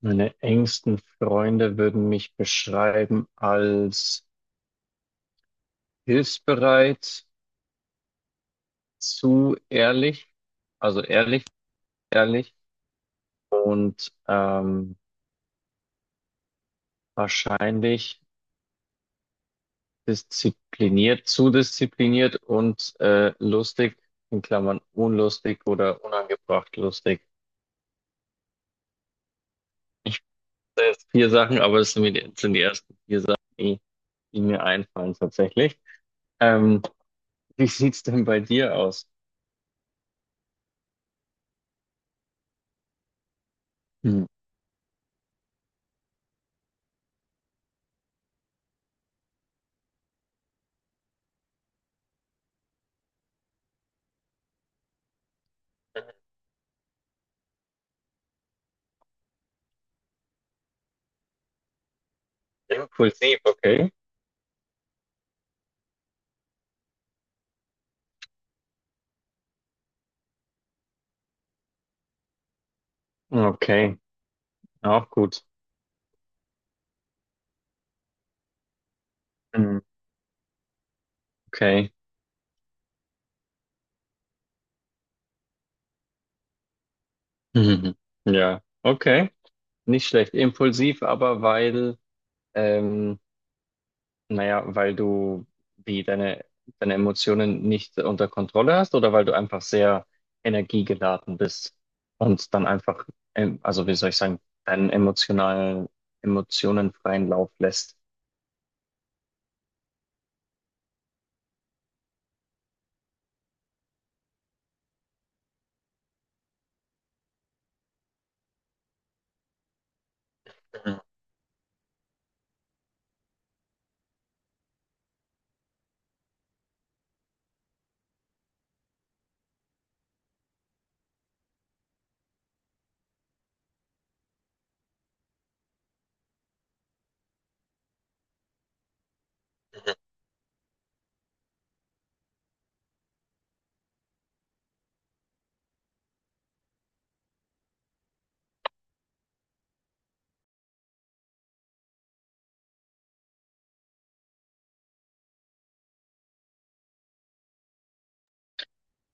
Meine engsten Freunde würden mich beschreiben als hilfsbereit, zu ehrlich, also ehrlich, ehrlich und wahrscheinlich diszipliniert, zu diszipliniert und lustig, in Klammern unlustig oder unangebracht lustig. Das sind jetzt vier Sachen, aber es sind die ersten vier Sachen, die mir einfallen tatsächlich. Ähm, Wie sieht's denn bei dir aus? Hm. Impulsiv, okay. Okay, auch gut. Hm. Okay. Mhm. Ja, okay. Nicht schlecht. Impulsiv, aber ähm, naja, weil du wie deine Emotionen nicht unter Kontrolle hast oder weil du einfach sehr energiegeladen bist und dann einfach, also wie soll ich sagen, deinen Emotionen freien Lauf lässt. Mhm. Mhm.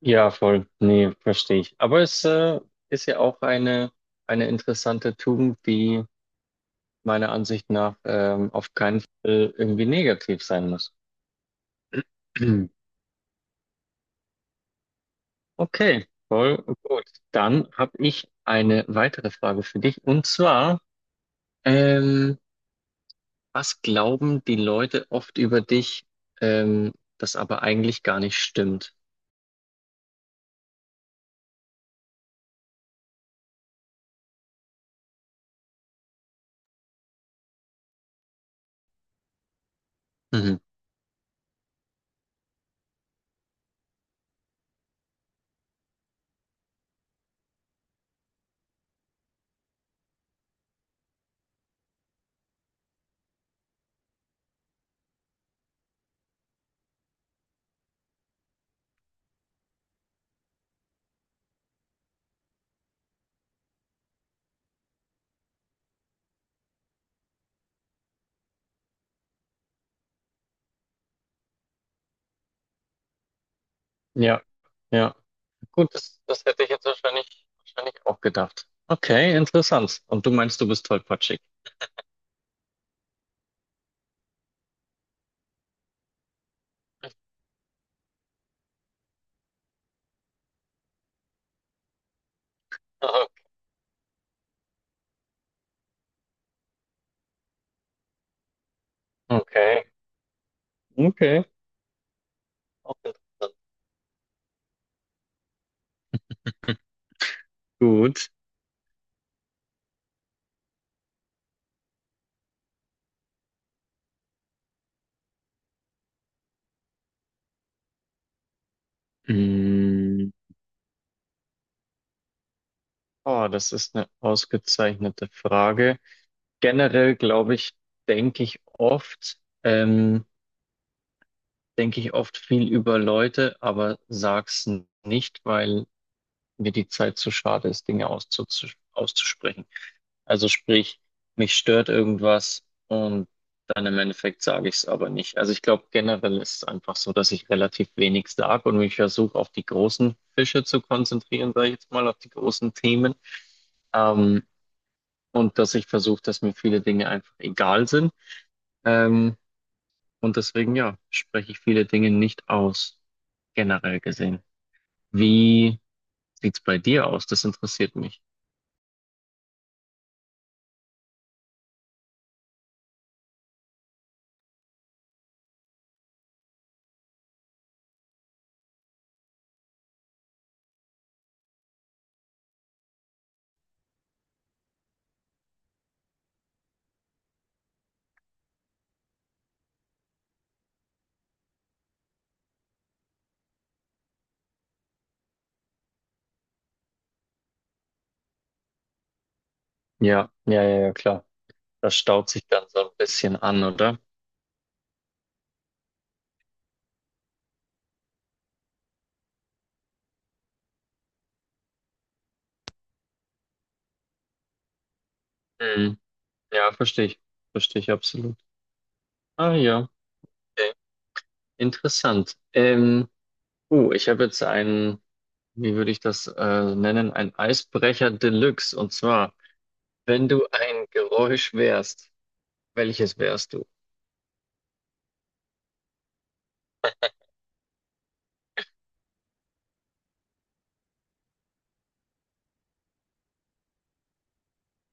Ja, voll. Nee, verstehe ich. Aber es ist ja auch eine interessante Tugend, die meiner Ansicht nach auf keinen Fall irgendwie negativ sein muss. Okay, voll gut. Dann habe ich eine weitere Frage für dich. Und zwar, ähm, was glauben die Leute oft über dich, das aber eigentlich gar nicht stimmt? Mhm. Ja, ja. Gut, das hätte ich jetzt wahrscheinlich auch gedacht. Okay, interessant. Und du meinst, du bist tollpatschig. Okay, okay. Auch interessant. Gut. Mm. Oh, das ist eine ausgezeichnete Frage. Generell glaube ich, denke ich oft, ähm, denke ich oft viel über Leute, aber nicht, weil mir die Zeit zu schade ist, Dinge auszusprechen. Also sprich, mich stört irgendwas und dann im Endeffekt sage ich es aber nicht. Also ich glaube, generell ist es einfach so, dass ich relativ wenig sage und mich versuche, auf die großen Fische zu konzentrieren, sage ich jetzt mal, auf die großen Themen. Ähm, und dass ich versuche, dass mir viele Dinge einfach egal sind. Ähm, und deswegen, ja, spreche ich viele Dinge nicht aus, generell gesehen. Wie sieht's bei dir aus? Das interessiert mich. Ja, ja, ja, ja, klar. Das staut sich dann so ein bisschen an, oder? Mhm. Ja, verstehe ich. Verstehe ich absolut. Ah ja, okay. Interessant. Ich habe jetzt einen, wie würde ich das nennen, ein Eisbrecher Deluxe. Und zwar, wenn du ein Geräusch wärst. Welches wärst du?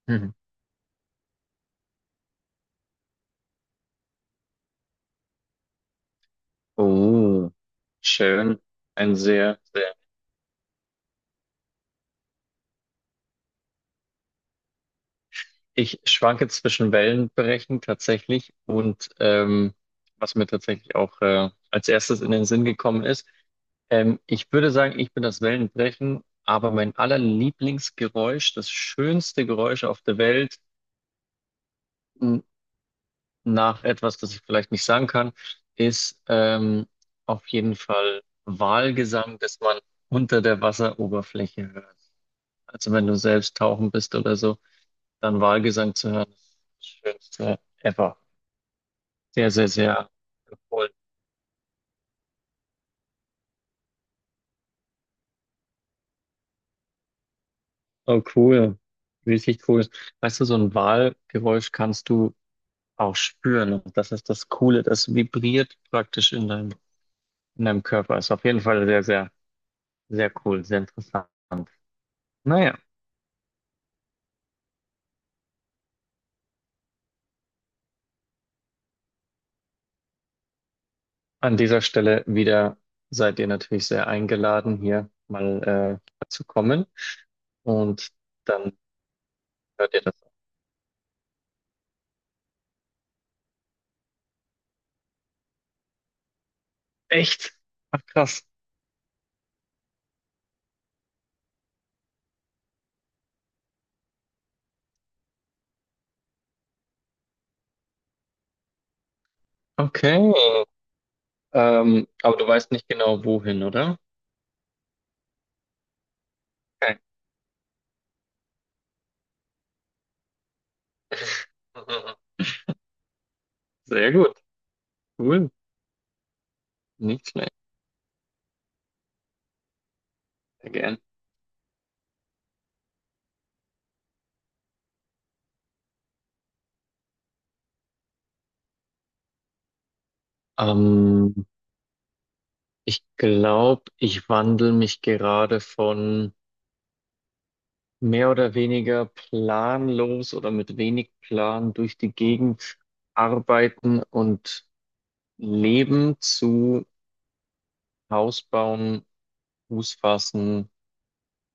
Mhm. Oh, schön. Ein sehr, sehr. Ich schwanke zwischen Wellenbrechen tatsächlich und was mir tatsächlich auch als erstes in den Sinn gekommen ist. Ich würde sagen, ich bin das Wellenbrechen, aber mein allerlieblingsgeräusch, das schönste Geräusch auf der Welt, n- nach etwas, das ich vielleicht nicht sagen kann, ist auf jeden Fall Walgesang, das man unter der Wasseroberfläche hört. Also wenn du selbst tauchen bist oder so, dann Walgesang zu hören, ist das Schönste ever. Sehr, sehr, sehr empfohlen. Oh, cool. Richtig cool. Weißt du, so ein Walgeräusch kannst du auch spüren. Und das ist das Coole. Das vibriert praktisch in in deinem Körper. Ist auf jeden Fall sehr, sehr, sehr cool, sehr interessant. Naja, an dieser Stelle wieder seid ihr natürlich sehr eingeladen, hier mal zu kommen. Und dann hört ihr das. Echt? Ach, krass. Okay. Aber du weißt nicht genau wohin, oder? Okay. Sehr gut. Cool. Nicht schlecht. Sehr gern. Ähm, Ich glaube, ich wandel mich gerade von mehr oder weniger planlos oder mit wenig Plan durch die Gegend arbeiten und leben zu Haus bauen, Fuß fassen,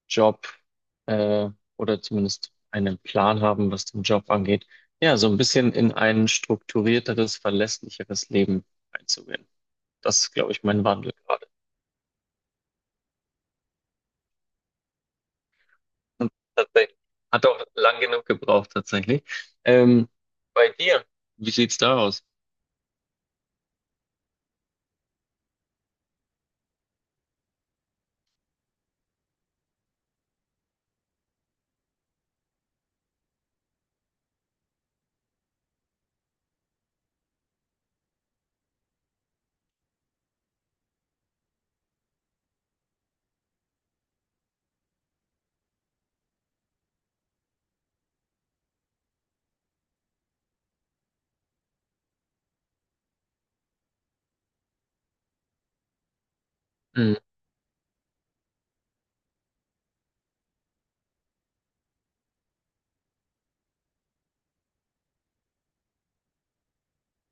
Job äh, oder zumindest einen Plan haben, was den Job angeht, ja, so ein bisschen in ein strukturierteres, verlässlicheres Leben einzugehen. Das ist, glaube ich, mein Wandel gerade. Und tatsächlich. Hat auch lang genug gebraucht, tatsächlich. Ähm, Bei dir, wie sieht's da aus? Hm,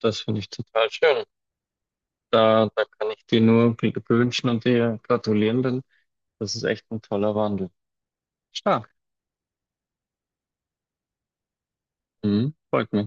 das finde ich total schön. Da kann ich dir nur Glück wünschen und dir gratulieren, denn das ist echt ein toller Wandel. Stark. Mhm, freut mich.